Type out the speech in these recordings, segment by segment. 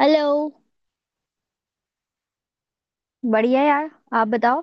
Hello. बढ़िया यार। आप बताओ।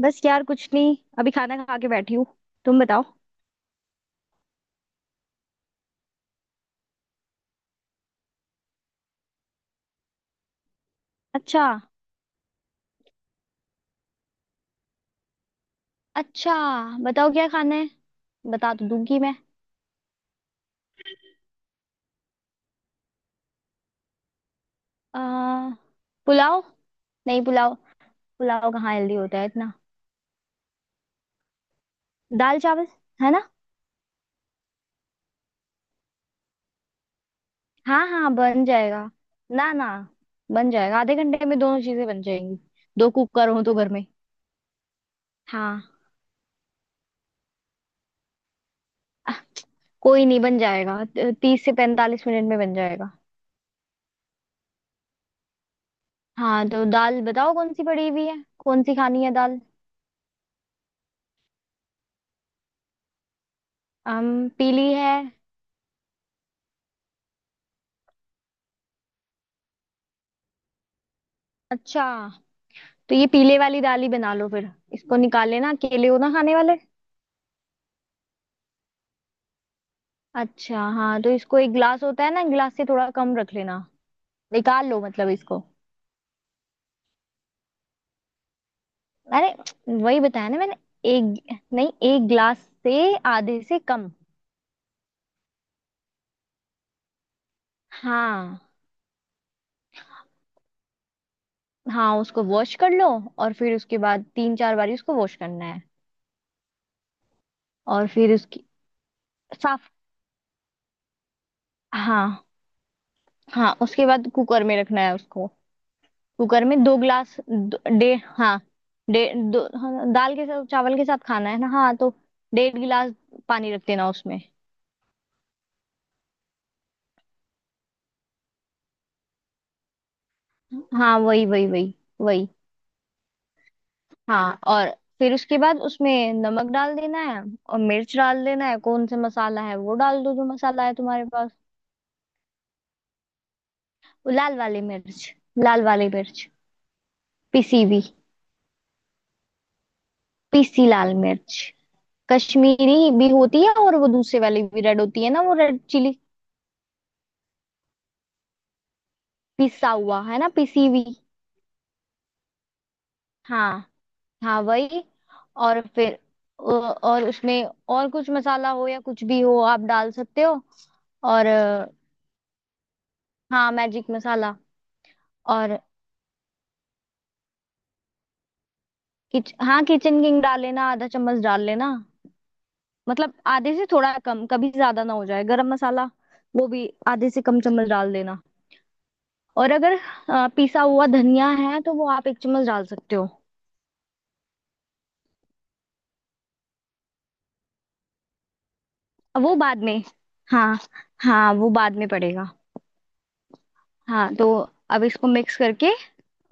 बस यार कुछ नहीं, अभी खाना खा के बैठी हूँ। तुम बताओ। अच्छा। अच्छा, बताओ क्या खाना है। बता तो दूंगी मैं। आ, पुलाव। नहीं पुलाव। पुलाव कहाँ हेल्दी होता है इतना? दाल चावल है ना? हाँ हाँ बन जाएगा, ना ना। बन जाएगा, आधे घंटे में दोनों चीजें बन जाएंगी। दो कुकर हो तो घर में। हाँ। अ, कोई नहीं, बन जाएगा 30 से 45 मिनट में बन जाएगा। हाँ तो दाल बताओ कौन सी पड़ी हुई है, कौन सी खानी है दाल। अम पीली है। अच्छा, तो ये पीले वाली दाल ही बना लो, फिर इसको निकाल लेना। केले हो ना खाने वाले? अच्छा हाँ, तो इसको एक गिलास होता है ना, गिलास से थोड़ा कम रख लेना। निकाल लो मतलब इसको। अरे वही बताया ना मैंने, एक नहीं, एक गिलास से आधे से कम। हाँ। हाँ उसको वॉश कर लो, और फिर उसके बाद तीन चार बारी उसको वॉश करना है। और फिर उसकी साफ। हाँ। हाँ उसके बाद कुकर में रखना है उसको। कुकर में दो ग्लास, डेढ़, हाँ। डेढ़ दो, हाँ, दाल के साथ चावल के साथ खाना है ना, हाँ तो डेढ़ गिलास पानी रख देना उसमें। हाँ वही वही वही। वही। हाँ, और फिर उसके बाद उसमें नमक डाल देना है, और मिर्च डाल देना है, कौन सा मसाला है वो डाल दो, जो मसाला है तुम्हारे पास। वो लाल वाली मिर्च, लाल वाली मिर्च पिसी हुई। पिसी लाल मिर्च कश्मीरी भी होती है, और वो दूसरे वाली भी रेड होती है ना, वो रेड चिली। पिसा हुआ है ना, पिसी हुई। हाँ हाँ वही। और फिर और उसमें, और कुछ मसाला हो या कुछ भी हो आप डाल सकते हो। और हाँ मैजिक मसाला। और हाँ किचन किंग डाल लेना, आधा चम्मच डाल लेना। मतलब आधे से थोड़ा कम, कभी ज्यादा ना हो जाए। गरम मसाला वो भी आधे से कम चम्मच डाल देना। और अगर पिसा हुआ धनिया है तो वो आप एक चम्मच डाल सकते हो। वो बाद में, हाँ। हाँ वो बाद में पड़ेगा। हाँ तो अब इसको मिक्स करके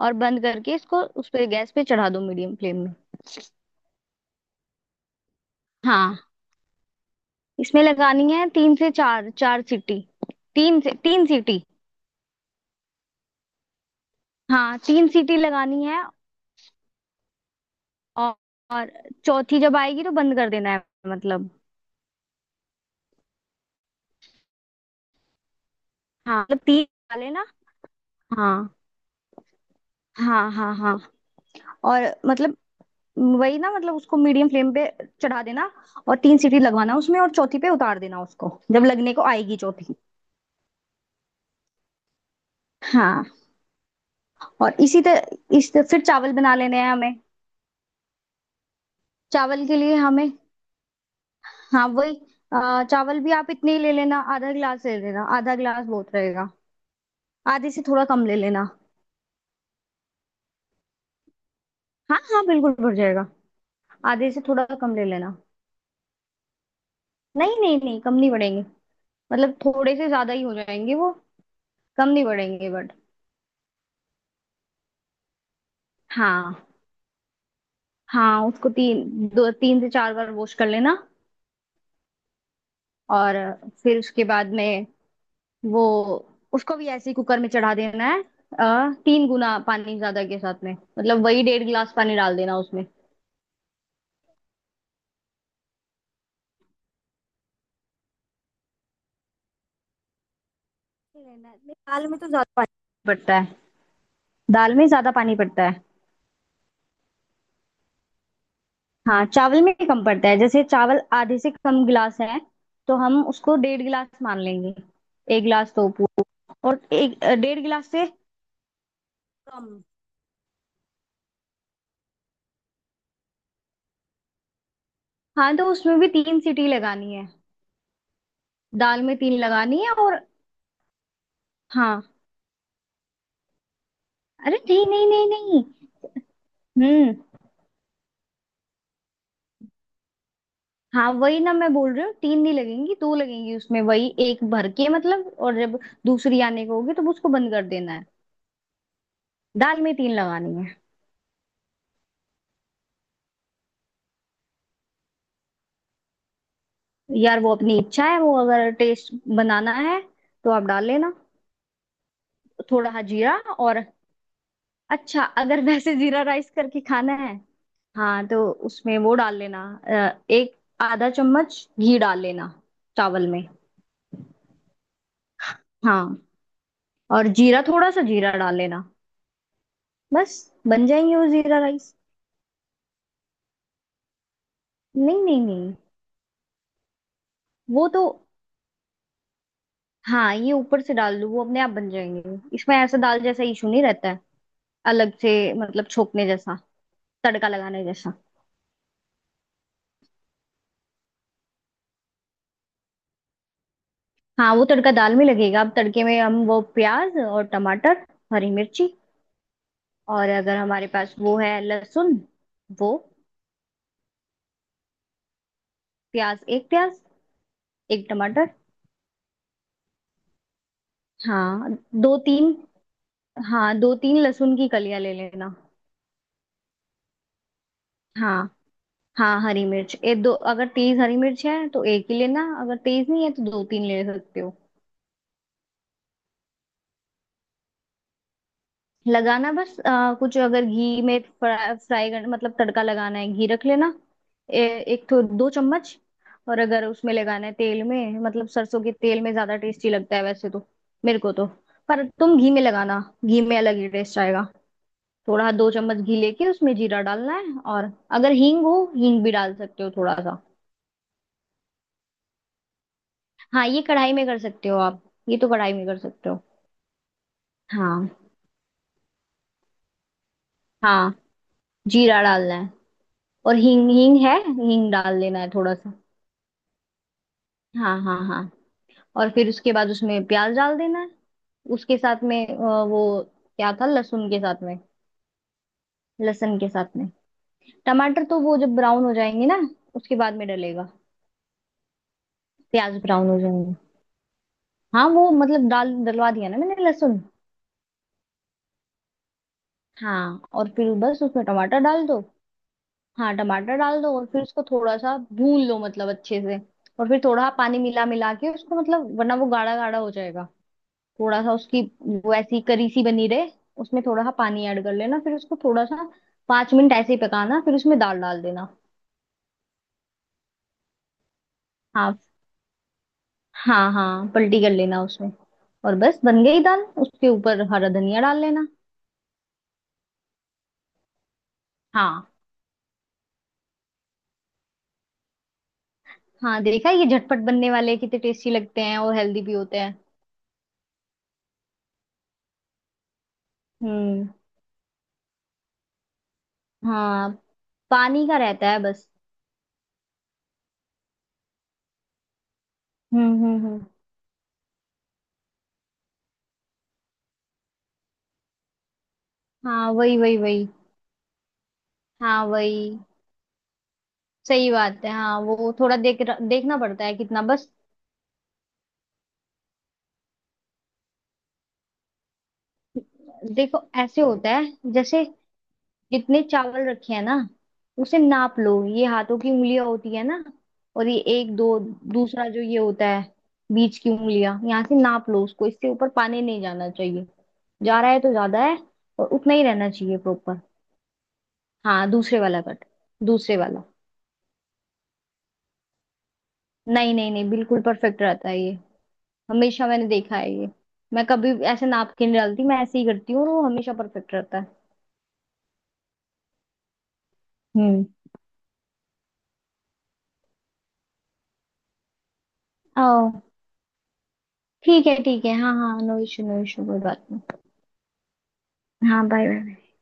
और बंद करके इसको उस पे, गैस पे चढ़ा दो मीडियम फ्लेम में। हाँ। इसमें लगानी है तीन से चार, चार सीटी। तीन से तीन सीटी। हाँ तीन सीटी लगानी है। और, और चौथी जब आएगी तो बंद कर देना है मतलब। हाँ मतलब तीन डाले ना। हाँ हाँ हाँ हाँ, और मतलब वही ना, मतलब उसको मीडियम फ्लेम पे चढ़ा देना, और तीन सीटी लगवाना उसमें, और चौथी पे उतार देना उसको जब लगने को आएगी चौथी। हाँ। और इसी तरह इस फिर चावल बना लेने हैं हमें। चावल के लिए हमें, हाँ वही। चावल भी आप इतने ही ले लेना, आधा गिलास ले लेना, आधा गिलास बहुत रहेगा। आधे से थोड़ा कम ले लेना। हाँ हाँ बिल्कुल भर जाएगा। आधे से थोड़ा कम ले लेना। नहीं नहीं नहीं, कम नहीं पड़ेंगे, मतलब थोड़े से ज्यादा ही हो जाएंगे वो। कम नहीं पड़ेंगे, बट। हाँ। हाँ उसको तीन, दो तीन से चार बार वॉश कर लेना। और फिर उसके बाद में वो उसको भी ऐसे ही कुकर में चढ़ा देना है। तीन गुना पानी ज्यादा के साथ में, मतलब वही डेढ़ गिलास पानी डाल देना उसमें। लेना है नहीं, दाल में तो ज्यादा पानी पड़ता है। दाल में ज्यादा पानी पड़ता है। हाँ चावल में कम पड़ता है। जैसे चावल आधे से कम गिलास है, तो हम उसको डेढ़ गिलास मान लेंगे। एक गिलास तो पूरा, और एक डेढ़ गिलास से कम। हाँ तो उसमें भी तीन सीटी लगानी है। दाल में तीन लगानी है और। हाँ। अरे नहीं नहीं नहीं नहीं। हम्म। हाँ वही ना, मैं बोल रही हूँ तीन नहीं लगेंगी, दो लगेंगी उसमें, वही एक भर के मतलब, और जब दूसरी आने को होगी तो उसको बंद कर देना है। दाल में तीन लगानी है। यार वो अपनी इच्छा है, वो अगर टेस्ट बनाना है तो आप डाल लेना थोड़ा, हाँ जीरा। और अच्छा, अगर वैसे जीरा राइस करके खाना है, हाँ तो उसमें वो डाल लेना। एक आधा चम्मच घी डाल लेना चावल में। हाँ, और जीरा, थोड़ा सा जीरा डाल लेना बस, बन जाएंगे वो जीरा राइस। नहीं नहीं नहीं, वो तो। हाँ, ये ऊपर से डाल दो, वो अपने आप बन जाएंगे। इसमें ऐसा दाल जैसा इशू नहीं रहता है अलग से, मतलब छोकने जैसा, तड़का लगाने जैसा। हाँ वो तड़का दाल में लगेगा। अब तड़के में हम वो प्याज और टमाटर, हरी मिर्ची, और अगर हमारे पास वो है लहसुन, वो। प्याज एक प्याज, एक टमाटर। हाँ दो तीन। हाँ दो तीन लहसुन की कलियां ले लेना। हाँ हाँ हरी मिर्च ये दो, अगर तेज हरी मिर्च है तो एक ही लेना, अगर तेज नहीं है तो दो तीन ले सकते हो। लगाना बस कुछ, अगर घी में फ्राई कर, मतलब तड़का लगाना है, घी रख लेना। ए, एक तो दो चम्मच। और अगर उसमें लगाना है तेल में, मतलब सरसों के तेल में ज्यादा टेस्टी लगता है वैसे तो, मेरे को तो। पर तुम घी में लगाना, घी में अलग ही टेस्ट आएगा। थोड़ा दो चम्मच घी लेके उसमें जीरा डालना है। और अगर हींग हो, हींग भी डाल सकते हो थोड़ा सा। हाँ ये कढ़ाई में कर सकते हो आप। ये तो कढ़ाई में कर सकते हो। हाँ। हाँ जीरा डालना है। और हींग, हींग है, हींग डाल लेना है थोड़ा सा। हाँ हाँ हाँ। और फिर उसके बाद उसमें प्याज डाल देना है। उसके साथ में वो क्या था, लहसुन के साथ में। लहसुन के साथ में टमाटर, तो वो जब ब्राउन हो जाएंगे ना, उसके बाद में डलेगा। प्याज ब्राउन हो जाएंगे। हाँ वो मतलब डाल डलवा दिया ना मैंने लहसुन। हाँ और फिर बस उसमें टमाटर डाल दो। हाँ टमाटर डाल दो, और फिर उसको थोड़ा सा भून लो, मतलब अच्छे से। और फिर थोड़ा पानी मिला मिला के उसको, मतलब वरना वो गाढ़ा गाढ़ा हो जाएगा, थोड़ा सा उसकी, वो ऐसी करी सी बनी रहे। उसमें थोड़ा सा पानी ऐड कर लेना, फिर उसको थोड़ा सा 5 मिनट ऐसे ही पकाना, फिर उसमें दाल डाल देना। हाँ हाँ हाँ पलटी कर लेना उसमें। और बस बन गई दाल, उसके ऊपर हरा धनिया डाल लेना। हाँ। हाँ देखा, ये झटपट बनने वाले कितने टेस्टी लगते हैं, और हेल्दी भी होते हैं। हम्म। हाँ पानी का रहता है बस। हम्म। हाँ वही वही वही। हाँ वही, सही बात है। हाँ वो थोड़ा देख, देखना पड़ता है कितना बस। देखो ऐसे होता है, जैसे जितने चावल रखे हैं ना, उसे नाप लो। ये हाथों की उंगलियां होती है ना, और ये एक दो, दूसरा जो ये होता है, बीच की उंगलियां, यहाँ से नाप लो उसको, इससे ऊपर पानी नहीं जाना चाहिए। जा रहा है तो ज्यादा है, और उतना ही रहना चाहिए प्रॉपर। हाँ दूसरे वाला कट, दूसरे वाला। नहीं नहीं नहीं, बिल्कुल परफेक्ट रहता है ये, हमेशा मैंने देखा है ये। मैं कभी ऐसे नाप के नहीं डालती, मैं ऐसे ही करती हूँ, और वो हमेशा परफेक्ट रहता है। हम्म। ठीक है ठीक है, हाँ हाँ, नो इशू नो इशू, कोई बात नहीं। हाँ बाय बाय।